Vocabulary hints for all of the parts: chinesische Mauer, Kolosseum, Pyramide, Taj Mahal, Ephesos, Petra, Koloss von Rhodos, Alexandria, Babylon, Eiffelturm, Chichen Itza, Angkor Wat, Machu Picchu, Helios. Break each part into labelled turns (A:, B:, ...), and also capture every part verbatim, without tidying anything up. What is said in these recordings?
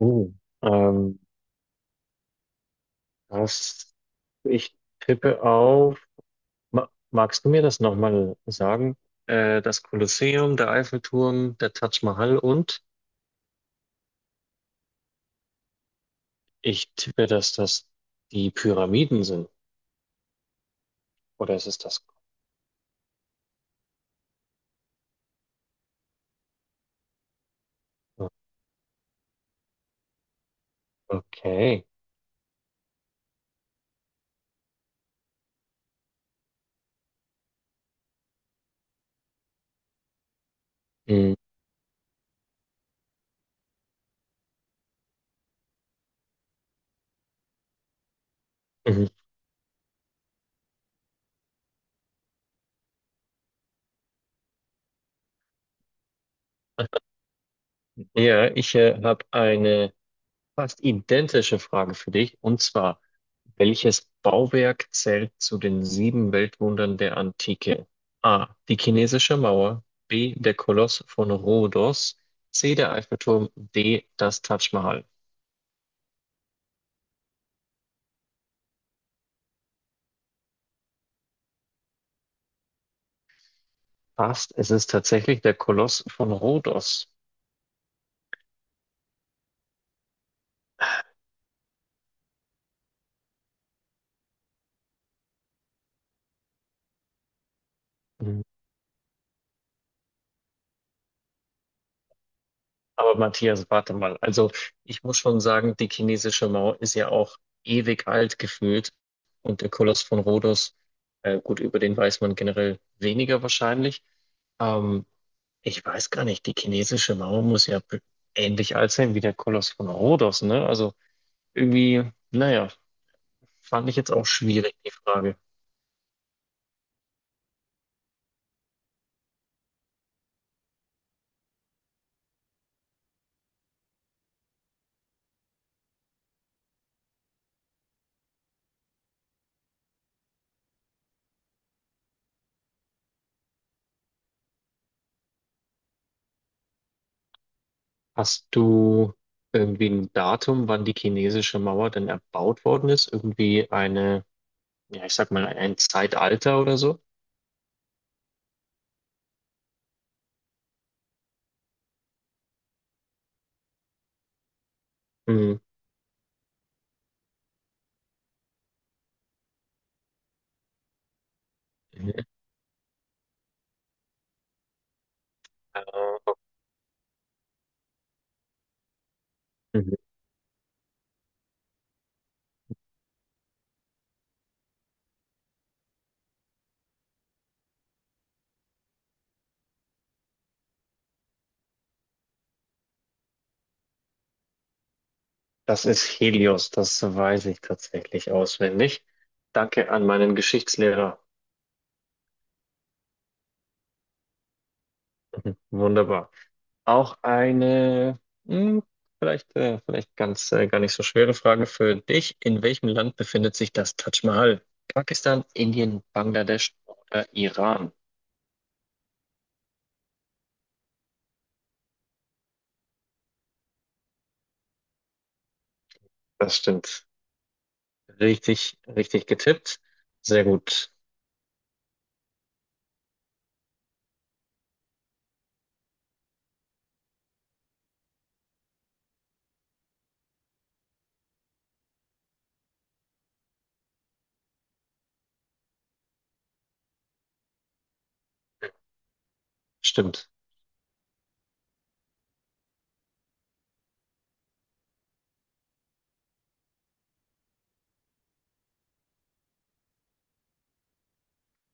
A: Oh, ähm, das, Ich tippe auf. Ma Magst du mir das nochmal sagen? Äh, das Kolosseum, der Eiffelturm, der Taj Mahal und ich tippe, dass das die Pyramiden sind. Oder ist es das? Okay. Mhm. Mhm. Ja, ich äh, habe eine fast identische Frage für dich. Und zwar, welches Bauwerk zählt zu den sieben Weltwundern der Antike? A. Die chinesische Mauer. B. Der Koloss von Rhodos. C. Der Eiffelturm. D. Das Taj Mahal. Fast, es ist tatsächlich der Koloss von Rhodos. Mhm. Aber Matthias, warte mal. Also, ich muss schon sagen, die chinesische Mauer ist ja auch ewig alt gefühlt. Und der Koloss von Rhodos, äh, gut, über den weiß man generell weniger wahrscheinlich. Ähm, Ich weiß gar nicht, die chinesische Mauer muss ja be- ähnlich alt sein wie der Koloss von Rhodos, ne? Also irgendwie, naja, fand ich jetzt auch schwierig, die Frage. Hast du irgendwie ein Datum, wann die chinesische Mauer denn erbaut worden ist? Irgendwie eine, ja, ich sag mal, ein Zeitalter oder so? Mhm. Mhm. Äh, mhm. Das ist Helios, das weiß ich tatsächlich auswendig. Danke an meinen Geschichtslehrer. Mhm. Wunderbar. Auch eine, hm, vielleicht, äh, vielleicht ganz, äh, gar nicht so schwere Frage für dich. In welchem Land befindet sich das Taj Mahal? Pakistan, Indien, Bangladesch oder Iran? Das stimmt. Richtig, richtig getippt. Sehr gut. Stimmt.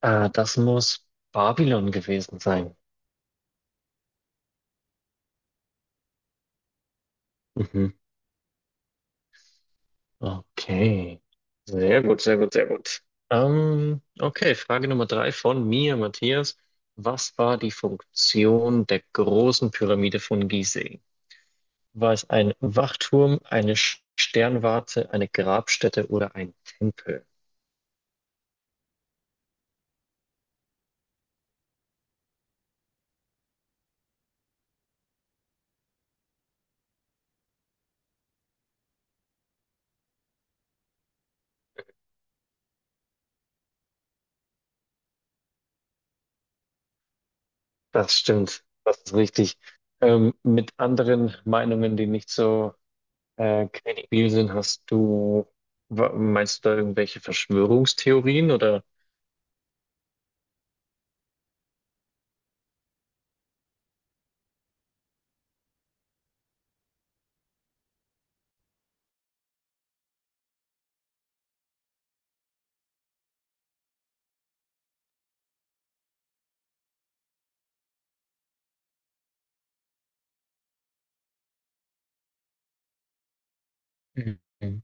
A: Äh, das muss Babylon gewesen sein. Mhm. Okay. Sehr gut, sehr gut, sehr gut. Ähm, okay, Frage Nummer drei von mir, Matthias. Was war die Funktion der großen Pyramide von Gizeh? War es ein Wachturm, eine Sch- Sternwarte, eine Grabstätte oder ein Tempel? Das stimmt, das ist richtig. Ähm, mit anderen Meinungen, die nicht so äh, kredibil sind, hast du, wa- meinst du da irgendwelche Verschwörungstheorien oder? Mhm.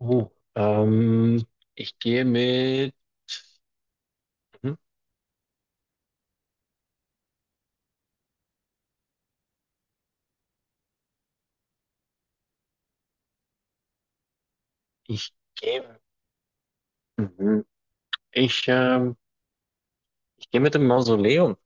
A: Oh, ähm, ich gehe mit, hm, ich gehe, mhm. ich, ähm, ich gehe mit dem Mausoleum.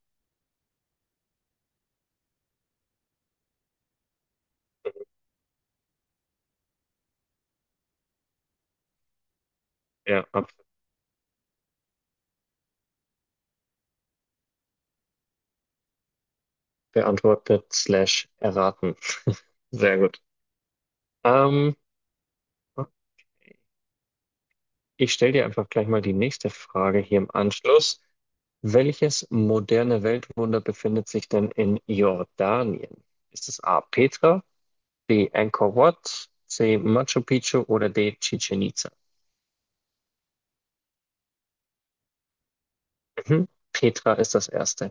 A: Ja, ab- beantwortet slash erraten. Sehr gut. Ähm, okay. Ich stelle dir einfach gleich mal die nächste Frage hier im Anschluss. Welches moderne Weltwunder befindet sich denn in Jordanien? Ist es A. Petra, B. Angkor Wat, C. Machu Picchu oder D. Chichen Itza? Mhm. Petra ist das erste.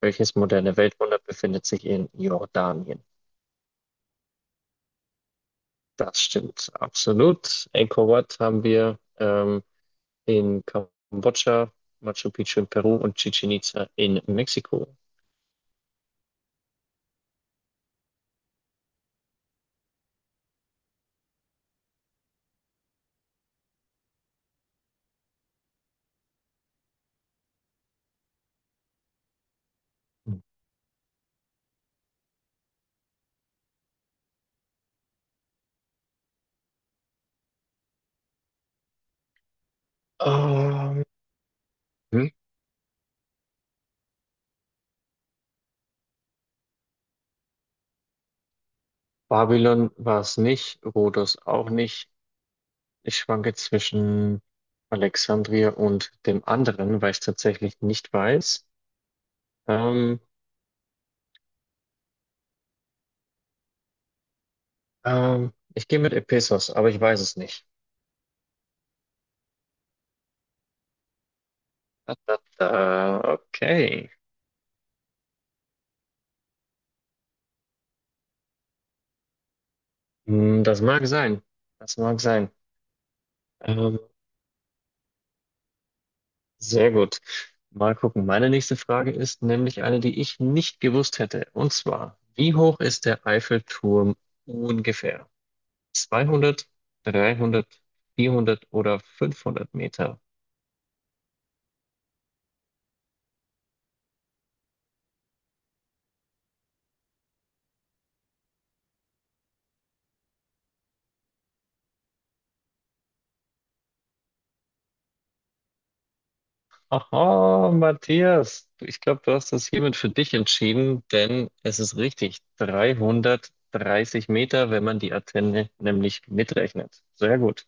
A: Welches moderne Weltwunder befindet sich in Jordanien? Das stimmt absolut. Angkor Wat haben wir ähm, in Kambodscha, Machu Picchu in Peru und Chichen Itza in Mexiko. Ähm, hm. Babylon war es nicht, Rhodos auch nicht. Ich schwanke zwischen Alexandria und dem anderen, weil ich es tatsächlich nicht weiß. Ähm, ähm, ich gehe mit Ephesos, aber ich weiß es nicht. Da, da, da. Okay. Hm, das mag sein. Das mag sein. Ähm, sehr gut. Mal gucken. Meine nächste Frage ist nämlich eine, die ich nicht gewusst hätte. Und zwar, wie hoch ist der Eiffelturm ungefähr? zweihundert, dreihundert, vierhundert oder fünfhundert Meter? Aha, Matthias, ich glaube, du hast das hiermit für dich entschieden, denn es ist richtig. dreihundertdreißig Meter, wenn man die Antenne nämlich mitrechnet. Sehr gut.